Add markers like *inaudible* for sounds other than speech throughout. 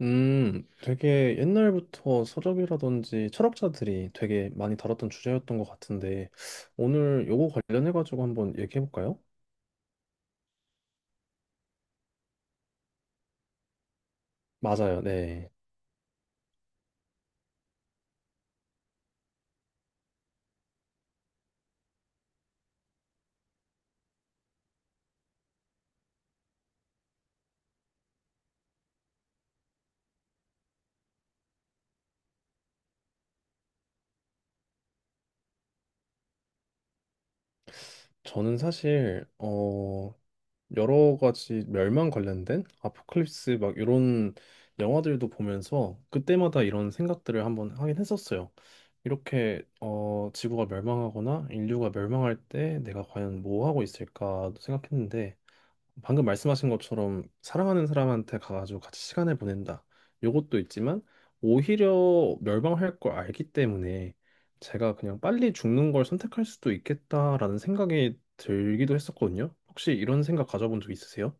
되게 옛날부터 서적이라든지 철학자들이 되게 많이 다뤘던 주제였던 것 같은데, 오늘 요거 관련해가지고 한번 얘기해볼까요? 맞아요, 네. 저는 사실, 여러 가지 멸망 관련된 아포칼립스 막 이런 영화들도 보면서 그때마다 이런 생각들을 한번 하긴 했었어요. 이렇게, 지구가 멸망하거나 인류가 멸망할 때 내가 과연 뭐 하고 있을까 생각했는데, 방금 말씀하신 것처럼 사랑하는 사람한테 가가지고 같이 시간을 보낸다. 요것도 있지만 오히려 멸망할 걸 알기 때문에 제가 그냥 빨리 죽는 걸 선택할 수도 있겠다라는 생각이 들기도 했었거든요. 혹시 이런 생각 가져본 적 있으세요?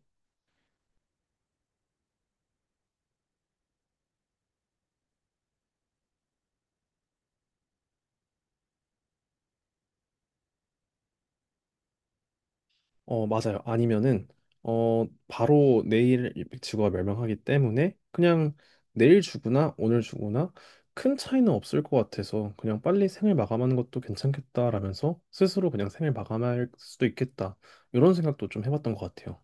맞아요. 아니면은, 바로 내일 주가 멸망하기 때문에 그냥 내일 주거나 오늘 주거나 큰 차이는 없을 것 같아서 그냥 빨리 생을 마감하는 것도 괜찮겠다라면서 스스로 그냥 생을 마감할 수도 있겠다. 이런 생각도 좀 해봤던 것 같아요.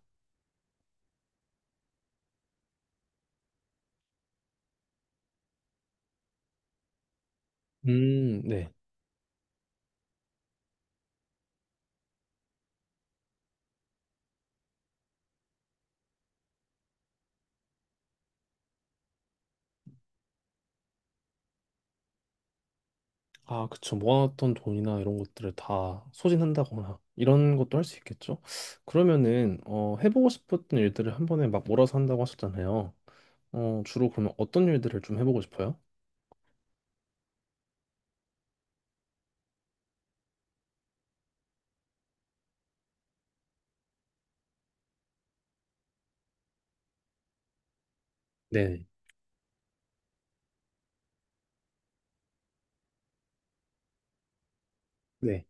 네. 아, 그쵸. 모아놨던 돈이나 이런 것들을 다 소진한다거나 이런 것도 할 수 있겠죠. 그러면은 해보고 싶었던 일들을 한 번에 막 몰아서 한다고 하셨잖아요. 주로 그러면 어떤 일들을 좀 해보고 싶어요? 네. 네.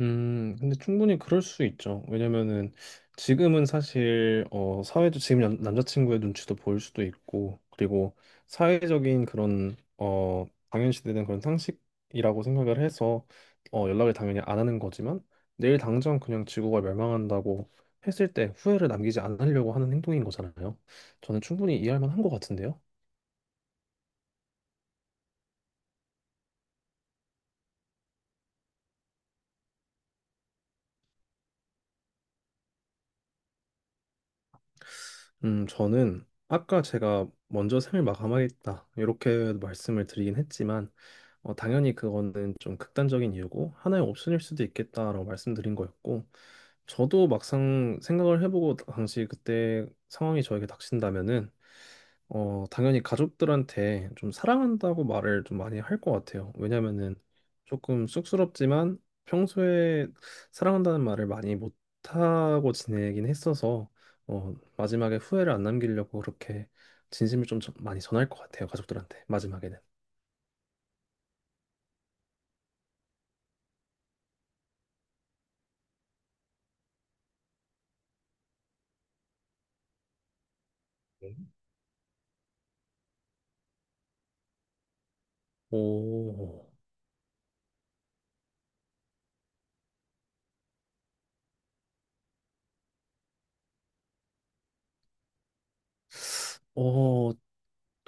근데 충분히 그럴 수 있죠. 왜냐면은 지금은 사실 사회적 지금 남자친구의 눈치도 보일 수도 있고 그리고 사회적인 그런 당연시되는 그런 상식이라고 생각을 해서 연락을 당연히 안 하는 거지만 내일 당장 그냥 지구가 멸망한다고 했을 때 후회를 남기지 않으려고 하는 행동인 거잖아요. 저는 충분히 이해할 만한 것 같은데요. 저는 아까 제가 먼저 생을 마감하겠다 이렇게 말씀을 드리긴 했지만 당연히 그거는 좀 극단적인 이유고 하나의 옵션일 수도 있겠다라고 말씀드린 거였고 저도 막상 생각을 해보고 당시 그때 상황이 저에게 닥친다면은 당연히 가족들한테 좀 사랑한다고 말을 좀 많이 할 것 같아요. 왜냐면은 조금 쑥스럽지만 평소에 사랑한다는 말을 많이 못하고 지내긴 했어서 마지막에 후회를 안 남기려고 그렇게 진심을 많이 전할 것 같아요. 가족들한테 마지막에는. 오, 어,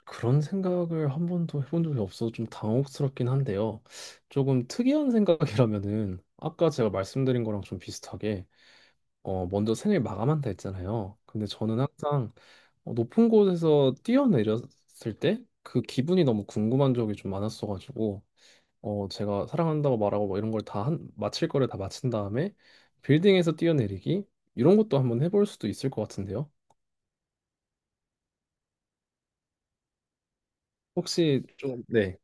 그런 생각을 한 번도 해본 적이 없어서 좀 당혹스럽긴 한데요. 조금 특이한 생각이라면은 아까 제가 말씀드린 거랑 좀 비슷하게 먼저 생을 마감한다 했잖아요. 근데 저는 항상 높은 곳에서 뛰어내렸을 때 그 기분이 너무 궁금한 적이 좀 많았어가지고 제가 사랑한다고 말하고 뭐 이런 걸 마칠 거를 다 마친 다음에 빌딩에서 뛰어내리기 이런 것도 한번 해볼 수도 있을 것 같은데요. 혹시 좀, 네.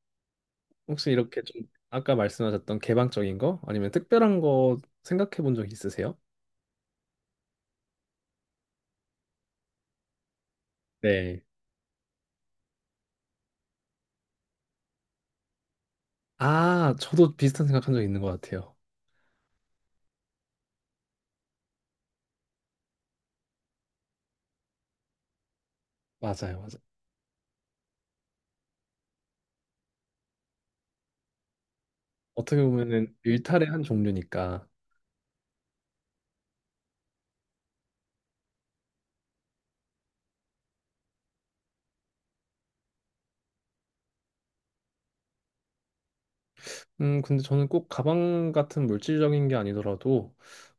혹시 이렇게 좀 아까 말씀하셨던 개방적인 거 아니면 특별한 거 생각해 본 적 있으세요? 네. 아, 저도 비슷한 생각한 적 있는 것 같아요. 맞아요, 맞아요. 어떻게 보면은 일탈의 한 종류니까. 근데 저는 꼭 가방 같은 물질적인 게 아니더라도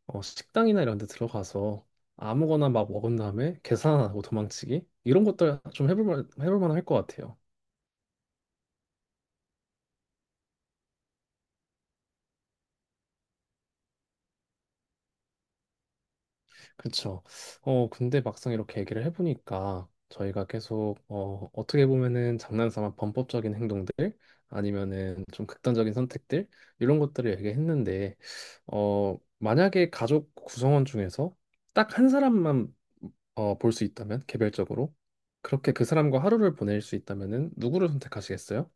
식당이나 이런 데 들어가서 아무거나 막 먹은 다음에 계산 안 하고 도망치기 이런 것들 좀 해볼 만할 것 같아요. 그쵸. 근데 막상 이렇게 얘기를 해보니까 저희가 계속 어떻게 보면은 장난삼아 범법적인 행동들 아니면은 좀 극단적인 선택들 이런 것들을 얘기했는데 만약에 가족 구성원 중에서 딱 한 사람만 볼 수 있다면 개별적으로 그렇게 그 사람과 하루를 보낼 수 있다면은 누구를 선택하시겠어요?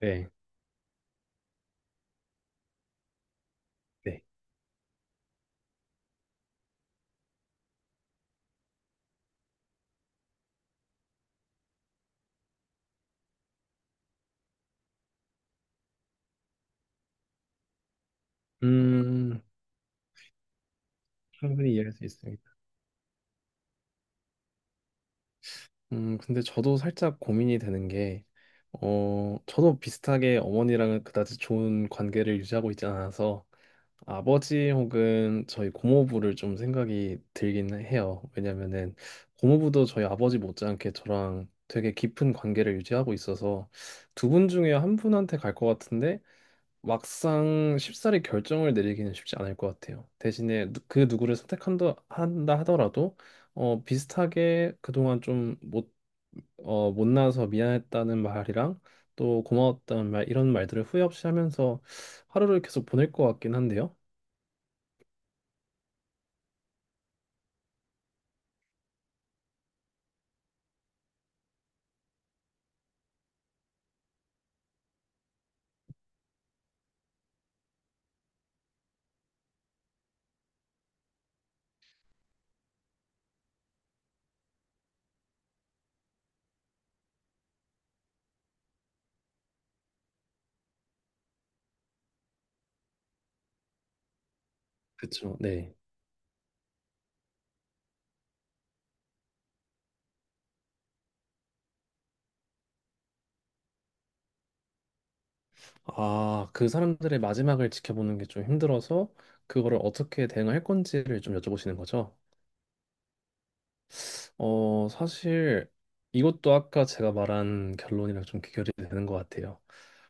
네, 네. 음, 충분히 이해할 수 있어요. 근데 저도 살짝 고민이 되는 게, 저도 비슷하게 어머니랑은 그다지 좋은 관계를 유지하고 있지 않아서 아버지 혹은 저희 고모부를 좀 생각이 들긴 해요. 왜냐면은 고모부도 저희 아버지 못지않게 저랑 되게 깊은 관계를 유지하고 있어서 두 분 중에 한 분한테 갈 것 같은데 막상 쉽사리 결정을 내리기는 쉽지 않을 것 같아요. 대신에 그 누구를 선택한다 한다 하더라도 비슷하게 그동안 좀못 못나서 미안했다는 말이랑 또 고마웠다는 말 이런 말들을 후회 없이 하면서 하루를 계속 보낼 것 같긴 한데요. 그쵸, 네. 아, 그 사람들의 마지막을 지켜보는 게 좀 힘들어서 그거를 어떻게 대응할 건지를 좀 여쭤보시는 거죠? 사실 이것도 아까 제가 말한 결론이랑 좀 귀결이 되는 것 같아요.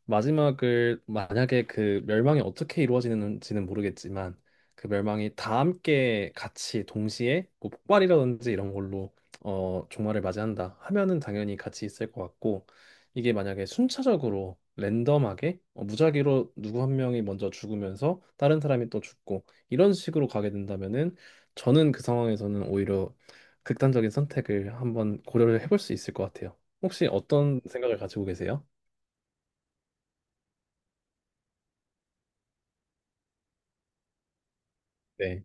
마지막을 만약에 그 멸망이 어떻게 이루어지는지는 모르겠지만 그 멸망이 다 함께 같이 동시에 뭐 폭발이라든지 이런 걸로 종말을 맞이한다 하면은 당연히 같이 있을 것 같고 이게 만약에 순차적으로 랜덤하게 무작위로 누구 한 명이 먼저 죽으면서 다른 사람이 또 죽고 이런 식으로 가게 된다면은 저는 그 상황에서는 오히려 극단적인 선택을 한번 고려를 해볼 수 있을 것 같아요. 혹시 어떤 생각을 가지고 계세요? 네.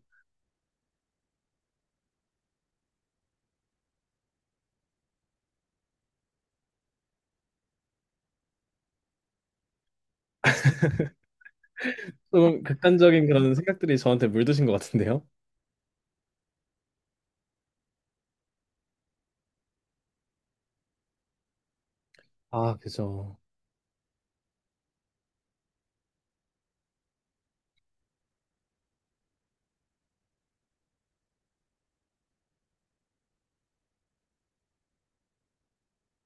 조금 극단적인 그런 생각들이 저한테 물드신 것 같은데요? 아, 그죠.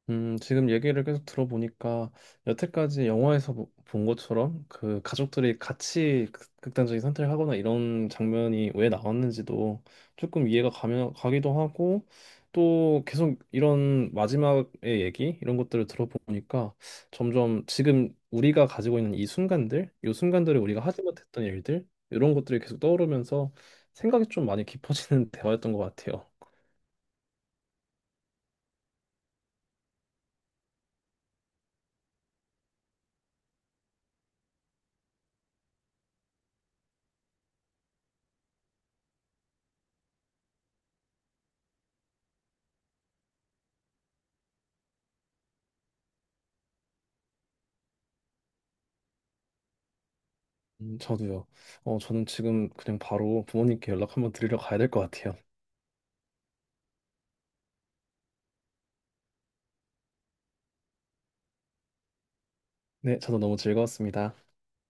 지금 얘기를 계속 들어보니까 여태까지 영화에서 본 것처럼 그 가족들이 같이 극단적인 선택을 하거나 이런 장면이 왜 나왔는지도 조금 이해가 가면 가기도 하고 또 계속 이런 마지막의 얘기 이런 것들을 들어보니까 점점 지금 우리가 가지고 있는 이 순간들, 이 순간들을 우리가 하지 못했던 일들 이런 것들이 계속 떠오르면서 생각이 좀 많이 깊어지는 *laughs* 대화였던 것 같아요. 저도요. 저는 지금 그냥 바로 부모님께 연락 한번 드리러 가야 될 것 같아요. 네, 저도 너무 즐거웠습니다.